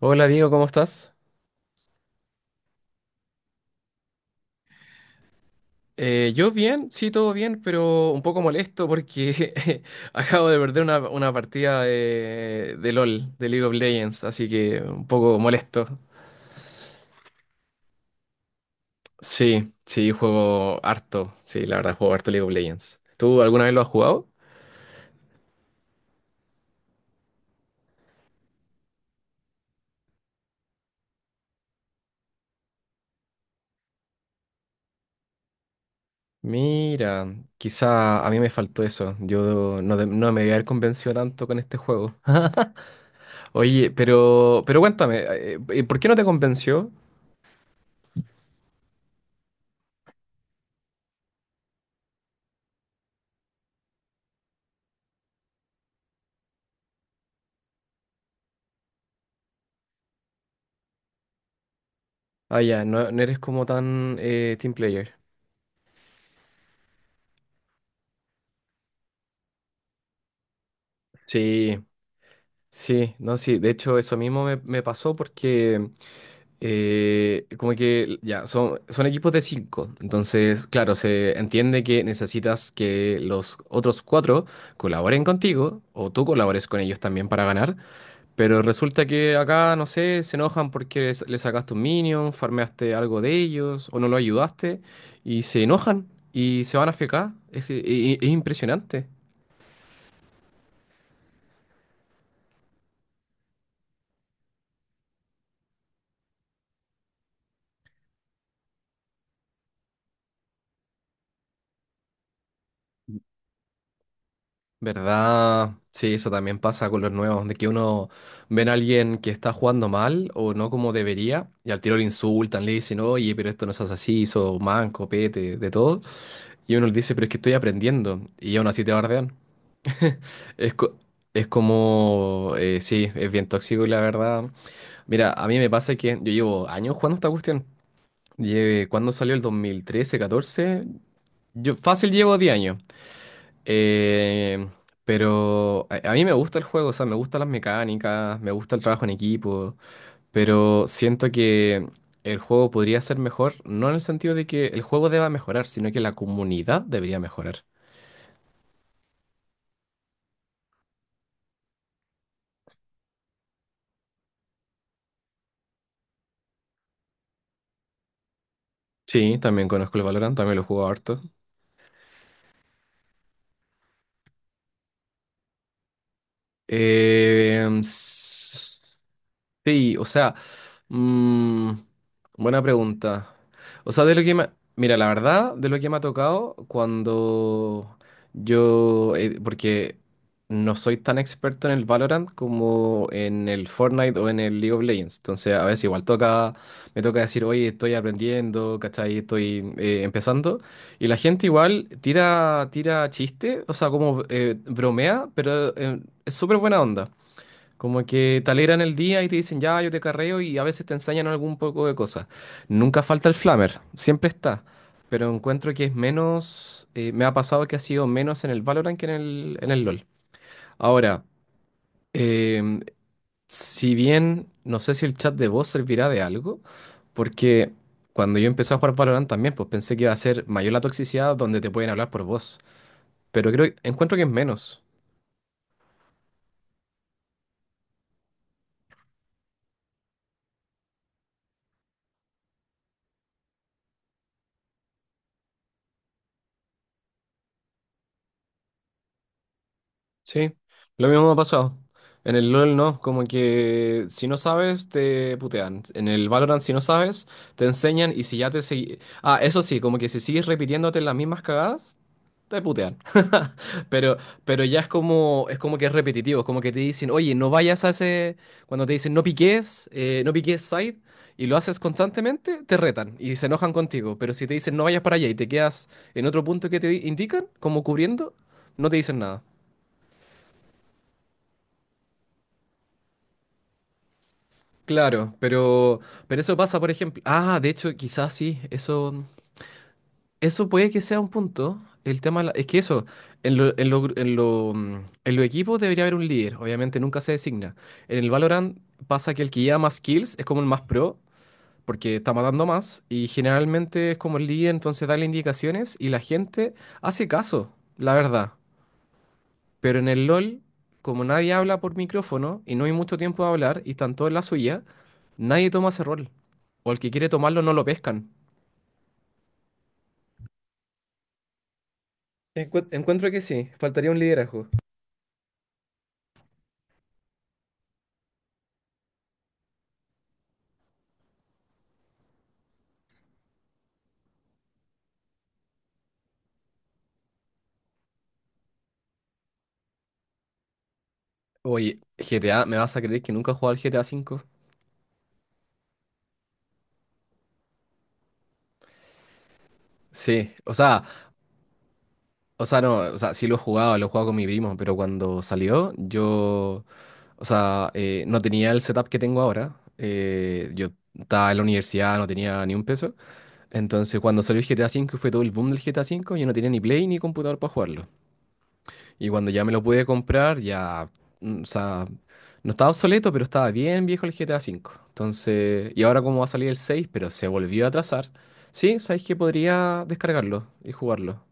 Hola Diego, ¿cómo estás? Yo bien, sí, todo bien, pero un poco molesto porque acabo de perder una partida de LOL, de League of Legends, así que un poco molesto. Sí, sí, juego harto, sí, la verdad, juego harto League of Legends. ¿Tú alguna vez lo has jugado? Mira, quizá a mí me faltó eso, yo no, no me voy a haber convencido tanto con este juego. Oye, pero cuéntame, ¿por qué no te convenció? Ah, ya, no, no eres como tan team player. Sí, sí, no, sí. De hecho, eso mismo me pasó porque como que ya, son equipos de cinco. Entonces, claro, se entiende que necesitas que los otros cuatro colaboren contigo o tú colabores con ellos también para ganar. Pero resulta que acá, no sé, se enojan porque le sacaste un minion, farmeaste algo de ellos o no lo ayudaste y se enojan y se van a FK. Es, que- e- e- es impresionante. ¿Verdad? Sí, eso también pasa con los nuevos, de que uno ven a alguien que está jugando mal o no como debería, y al tiro le insultan, le dicen, oye, pero esto no es así, hizo manco, pete, de todo. Y uno le dice, pero es que estoy aprendiendo, y aún así te bardean. Es, co- es como, sí, es bien tóxico y la verdad. Mira, a mí me pasa que yo llevo años jugando esta cuestión. ¿Cuándo salió el 2013 catorce? Yo fácil llevo 10 años. Eh, pero a mí me gusta el juego, o sea, me gustan las mecánicas, me gusta el trabajo en equipo, pero siento que el juego podría ser mejor, no en el sentido de que el juego deba mejorar, sino que la comunidad debería mejorar. Sí, también conozco el Valorant, también lo juego harto. Eh, Sí, o sea, mm, buena pregunta. O sea, de lo que me... mira, la verdad, de lo que me ha tocado porque no soy tan experto en el Valorant como en el Fortnite o en el League of Legends. Entonces, a veces igual me toca decir, oye, estoy aprendiendo, ¿cachai? Estoy empezando. Y la gente igual tira chiste, o sea, como bromea, pero es súper buena onda. Como que te alegran el día y te dicen, ya, yo te carreo y a veces te enseñan algún poco de cosas. Nunca falta el flamer, siempre está. Pero encuentro que es menos, me ha pasado que ha sido menos en el Valorant que en el LoL. Ahora, eh, si bien no sé si el chat de voz servirá de algo, porque cuando yo empecé a jugar Valorant también, pues pensé que iba a ser mayor la toxicidad donde te pueden hablar por voz. Pero encuentro que es menos. Sí, lo mismo me ha pasado. En el LOL no, como que si no sabes te putean. En el Valorant si no sabes te enseñan y si ya te seguí... Ah, eso sí, como que si sigues repitiéndote las mismas cagadas te putean. Pero pero ya es como que es repetitivo, es como que te dicen, "Oye, no vayas a ese cuando te dicen no piques, no piques side y lo haces constantemente, te retan y se enojan contigo, pero si te dicen no vayas para allá y te quedas en otro punto que te indican, como cubriendo, no te dicen nada. Claro, pero eso pasa, por ejemplo. Ah, de hecho, quizás sí, eso puede que sea un punto. El tema de es que eso, en lo gru- en lo, en los equipos debería haber un líder, obviamente nunca se designa. En el Valorant pasa que el que lleva más kills es como el más pro, porque está matando más, y generalmente es como el líder, entonces da las indicaciones y la gente hace caso, la verdad. Pero en el LOL, como nadie habla por micrófono y no hay mucho tiempo de hablar y están todos en la suya, nadie toma ese rol. O el que quiere tomarlo no lo pescan. Encuentro que sí, faltaría un liderazgo. Oye, GTA, ¿me vas a creer que nunca he jugado al GTA 5? Sí, o sea, no, o sea, sí lo he jugado con mi primo, pero cuando salió, yo, o sea, no tenía el setup que tengo ahora. Yo estaba en la universidad, no tenía ni un peso. Entonces, cuando salió el GTA V, fue todo el boom del GTA V, yo no tenía ni Play ni computador para jugarlo. Y cuando ya me lo pude comprar, ya, o sea, no estaba obsoleto, pero estaba bien viejo el GTA V. Entonces, y ahora como va a salir el 6 pero se volvió a atrasar. Sí, sabéis que podría descargarlo y jugarlo.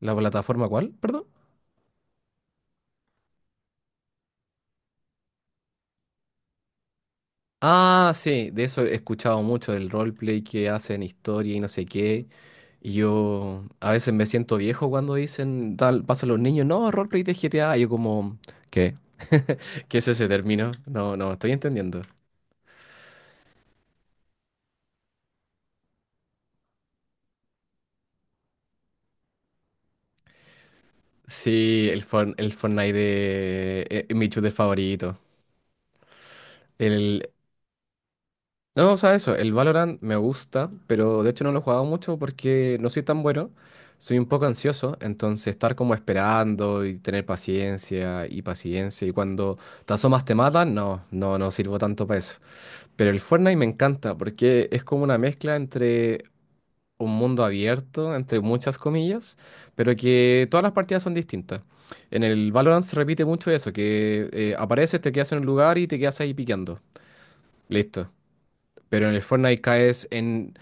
¿La plataforma cuál? Perdón. Ah, sí, de eso he escuchado mucho, del roleplay que hacen, historia y no sé qué. Y yo a veces me siento viejo cuando dicen, tal, pasan los niños, no, roleplay de GTA. Y yo como, ¿qué? ¿Qué es ese término? No, no estoy entendiendo. Sí, el Fortnite, es mi shooter favorito. El, No, o sea, eso, el Valorant me gusta, pero de hecho no lo he jugado mucho porque no soy tan bueno, soy un poco ansioso, entonces estar como esperando y tener paciencia y paciencia y cuando te asomas te matan, no, no, no sirvo tanto para eso. Pero el Fortnite me encanta porque es como una mezcla entre un mundo abierto, entre muchas comillas, pero que todas las partidas son distintas. En el Valorant se repite mucho eso, que apareces, te quedas en un lugar y te quedas ahí piqueando. Listo. Pero en el Fortnite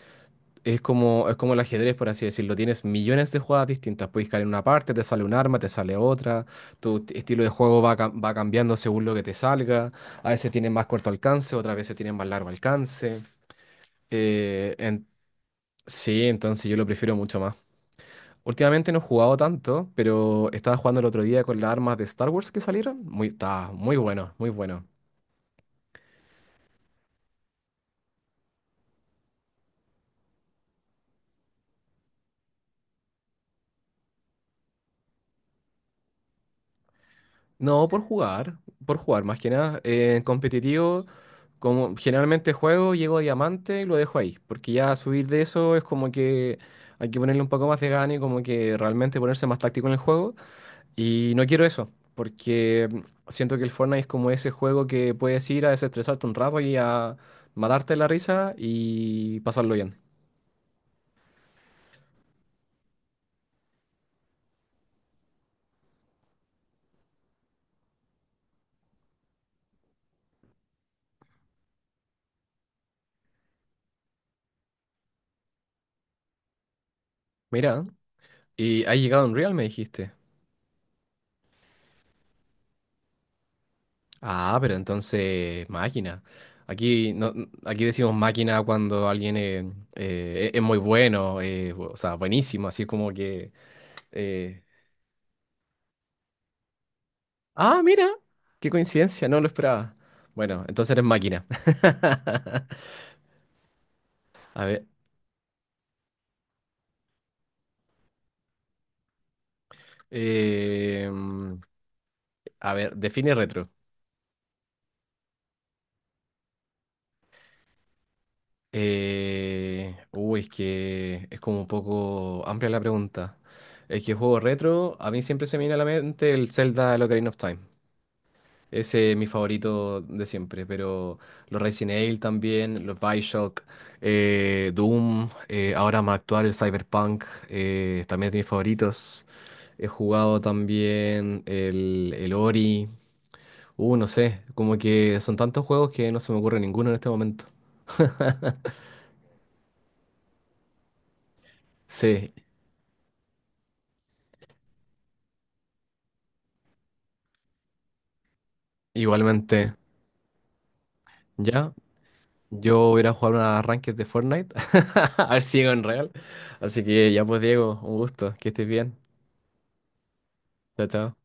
es como el ajedrez, por así decirlo. Tienes millones de jugadas distintas. Puedes caer en una parte, te sale un arma, te sale otra. Tu estilo de juego va cambiando según lo que te salga. A veces tienes más corto alcance, otras veces tienes más largo alcance. Eh, en- sí, entonces yo lo prefiero mucho más. Últimamente no he jugado tanto, pero estaba jugando el otro día con las armas de Star Wars que salieron. Está muy bueno, muy bueno. No, por jugar, más que nada. En competitivo, como generalmente juego, llego a diamante y lo dejo ahí, porque ya subir de eso es como que hay que ponerle un poco más de gana y como que realmente ponerse más táctico en el juego. Y no quiero eso, porque siento que el Fortnite es como ese juego que puedes ir a desestresarte un rato y a matarte la risa y pasarlo bien. Mira, y ha llegado Unreal, me dijiste. Ah, pero entonces, máquina. Aquí, no, aquí decimos máquina cuando alguien es muy bueno, o sea, buenísimo, así como que. eh, Ah, mira, qué coincidencia, no lo esperaba. Bueno, entonces eres máquina. A ver, eh, mm, a ver, define retro. Uy, es que es como un poco amplia la pregunta. Es que juego retro, a mí siempre se me viene a la mente el Zelda, el Ocarina of Time. Ese es mi favorito de siempre, pero los Resident Evil también, los BioShock, Doom, ahora más actual el Cyberpunk, también es de mis favoritos. He jugado también el Ori, no sé, como que son tantos juegos que no se me ocurre ninguno en este momento. Sí, igualmente, ya, yo voy a ir a jugar unas ranked de Fortnite, a ver si llego en real. Así que ya pues Diego, un gusto, que estés bien, chao, chao.